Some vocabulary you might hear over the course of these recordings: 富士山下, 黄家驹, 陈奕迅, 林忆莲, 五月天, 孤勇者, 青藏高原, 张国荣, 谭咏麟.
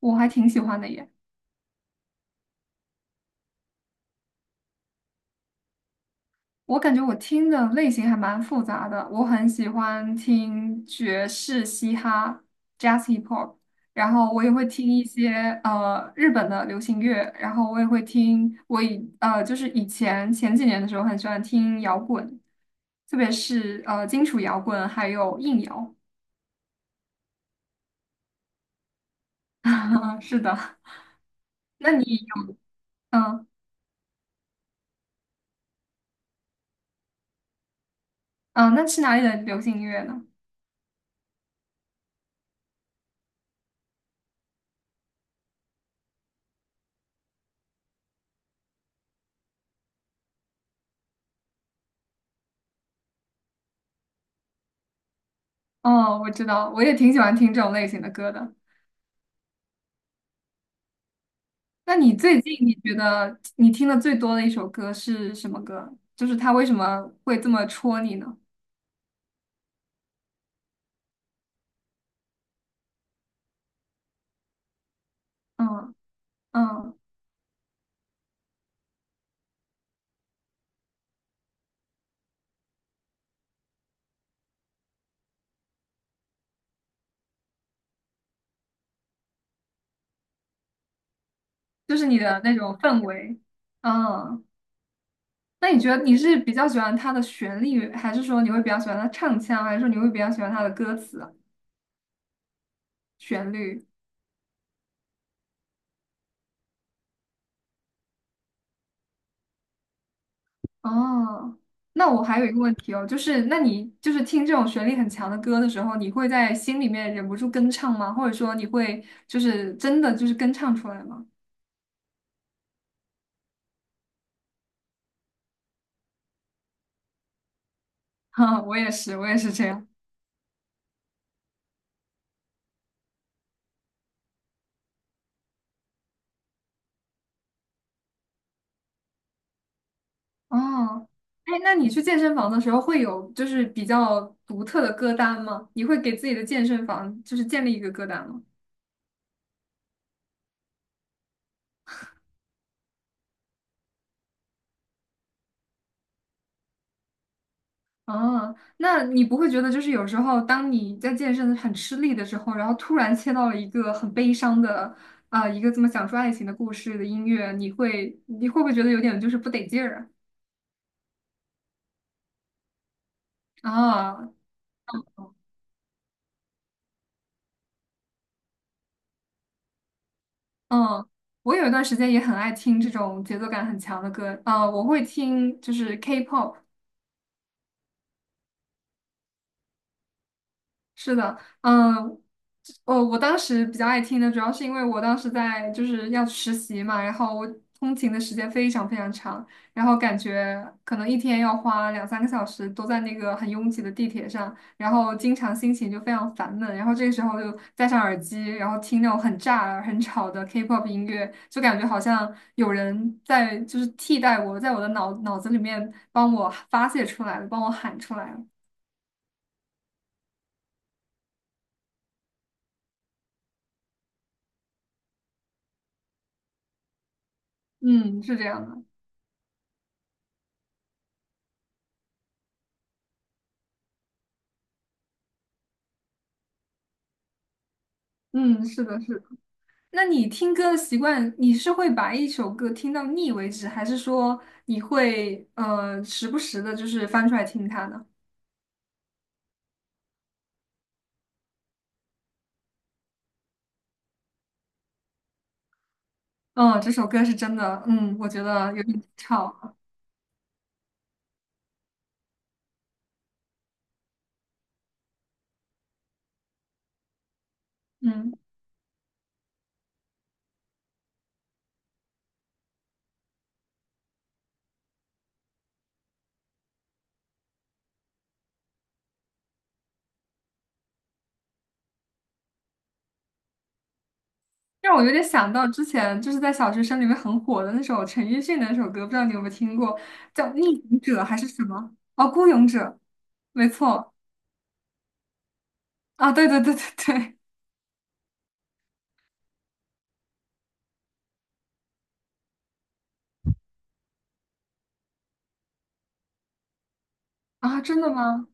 我还挺喜欢的耶。我感觉我听的类型还蛮复杂的，我很喜欢听爵士、嘻哈、jazz、hip hop,然后我也会听一些日本的流行乐，然后我也会听就是以前前几年的时候很喜欢听摇滚，特别是金属摇滚还有硬摇。是的。那你有嗯嗯，那是哪里的流行音乐呢？哦，我知道，我也挺喜欢听这种类型的歌的。那你最近你觉得你听的最多的一首歌是什么歌？就是它为什么会这么戳你呢？嗯嗯，就是你的那种氛围。嗯，那你觉得你是比较喜欢它的旋律，还是说你会比较喜欢它唱腔，还是说你会比较喜欢它的歌词啊旋律？哦，那我还有一个问题哦，就是那你就是听这种旋律很强的歌的时候，你会在心里面忍不住跟唱吗？或者说你会就是真的就是跟唱出来吗？哈，我也是这样。哦，哎，那你去健身房的时候会有就是比较独特的歌单吗？你会给自己的健身房就是建立一个歌单吗？哦，那你不会觉得就是有时候当你在健身很吃力的时候，然后突然切到了一个很悲伤的啊、一个这么讲述爱情的故事的音乐，你会不会觉得有点就是不得劲儿啊？啊，嗯。我有一段时间也很爱听这种节奏感很强的歌，啊、我会听就是 K-pop,是的，嗯，哦，我当时比较爱听的，主要是因为我当时在就是要实习嘛，然后我通勤的时间非常非常长，然后感觉可能一天要花两三个小时都在那个很拥挤的地铁上，然后经常心情就非常烦闷，然后这个时候就戴上耳机，然后听那种很炸耳、很吵的 K-pop 音乐，就感觉好像有人在就是替代我，在我的脑子里面帮我发泄出来了，帮我喊出来了。嗯，是这样的。嗯，是的，是的。那你听歌的习惯，你是会把一首歌听到腻为止，还是说你会时不时的，就是翻出来听它呢？嗯，这首歌是真的，嗯，我觉得有点吵，嗯，让我有点想到之前就是在小学生里面很火的那首陈奕迅的那首歌，不知道你有没有听过，叫《逆行者》还是什么？哦，《孤勇者》，没错，啊，对对对对对，啊，真的吗？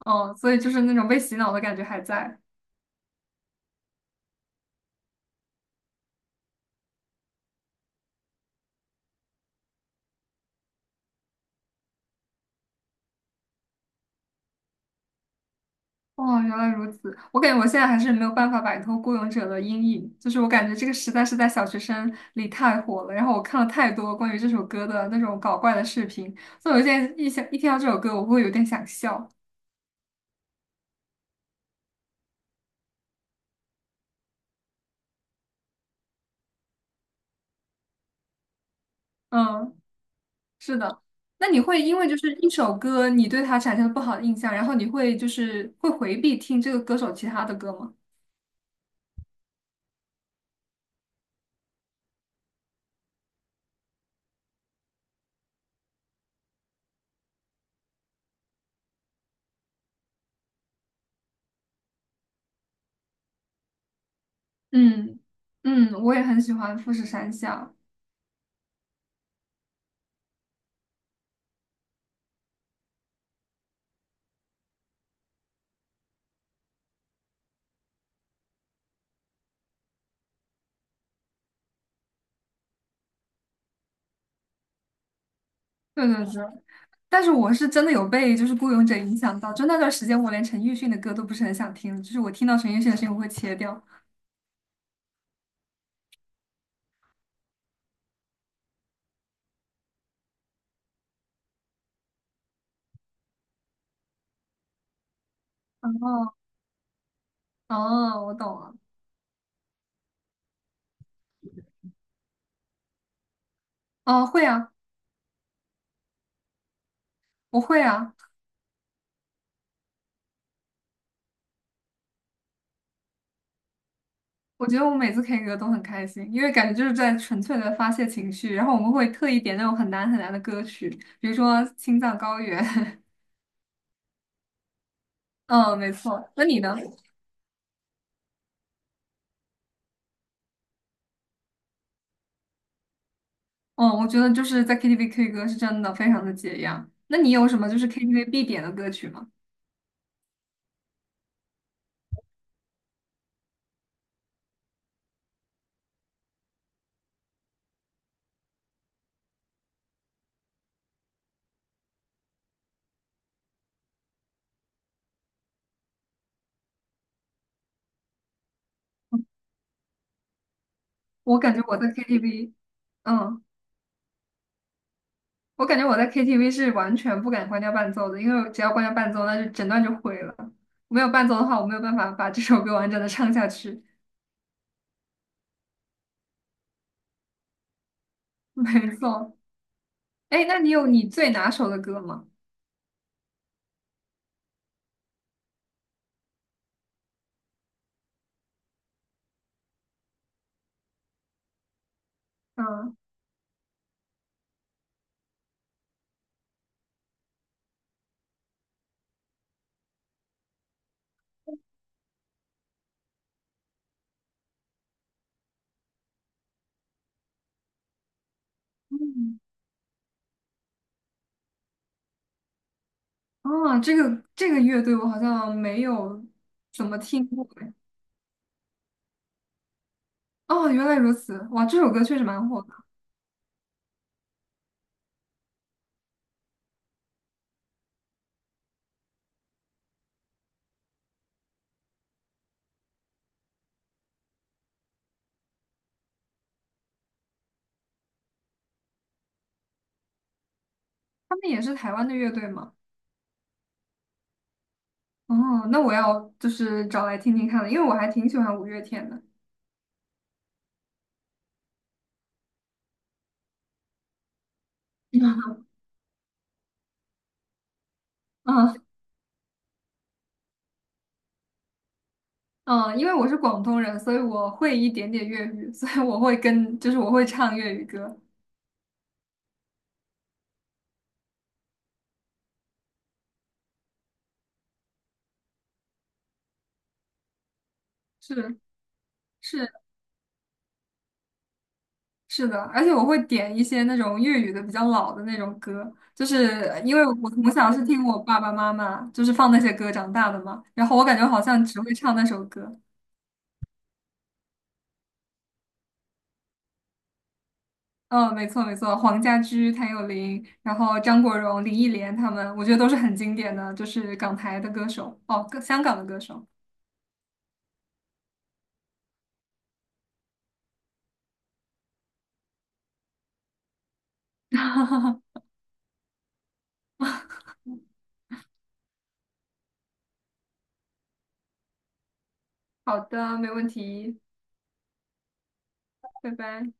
哦，所以就是那种被洗脑的感觉还在。哦，原来如此。我感觉我现在还是没有办法摆脱《孤勇者》的阴影，就是我感觉这个实在是在小学生里太火了。然后我看了太多关于这首歌的那种搞怪的视频，所以我现在一想一听到这首歌，我会有点想笑。嗯，是的。那你会因为就是一首歌，你对它产生了不好的印象，然后你会就是会回避听这个歌手其他的歌吗？嗯嗯，我也很喜欢富士山下。对对对。但是我是真的有被就是《孤勇者》影响到，就那段时间我连陈奕迅的歌都不是很想听，就是我听到陈奕迅的声音我会切掉。哦哦，我懂了。哦，会啊，我会啊。我觉得我每次 K 歌都很开心，因为感觉就是在纯粹的发泄情绪，然后我们会特意点那种很难很难的歌曲，比如说《青藏高原》。嗯，没错。那你呢？嗯，我觉得就是在 KTV K 歌是真的非常的解压。那你有什么就是 KTV 必点的歌曲吗？我感觉我在 KTV,嗯。我感觉我在 KTV 是完全不敢关掉伴奏的，因为只要关掉伴奏，那就整段就毁了。没有伴奏的话，我没有办法把这首歌完整的唱下去。没错，哎，那你有你最拿手的歌吗？嗯，嗯，哦，这个乐队我好像没有怎么听过哎。哦，原来如此，哇，这首歌确实蛮火的。他们也是台湾的乐队吗？哦，那我要就是找来听听看了，因为我还挺喜欢五月天的。嗯，嗯，因为我是广东人，所以我会一点点粤语，所以我会跟，就是我会唱粤语歌，是是是的，而且我会点一些那种粤语的比较老的那种歌，就是因为我从小是听我爸爸妈妈就是放那些歌长大的嘛，然后我感觉好像只会唱那首歌。嗯，没错没错，黄家驹、谭咏麟，然后张国荣、林忆莲他们，我觉得都是很经典的，就是港台的歌手，哦，香港的歌手。好的，没问题，拜拜。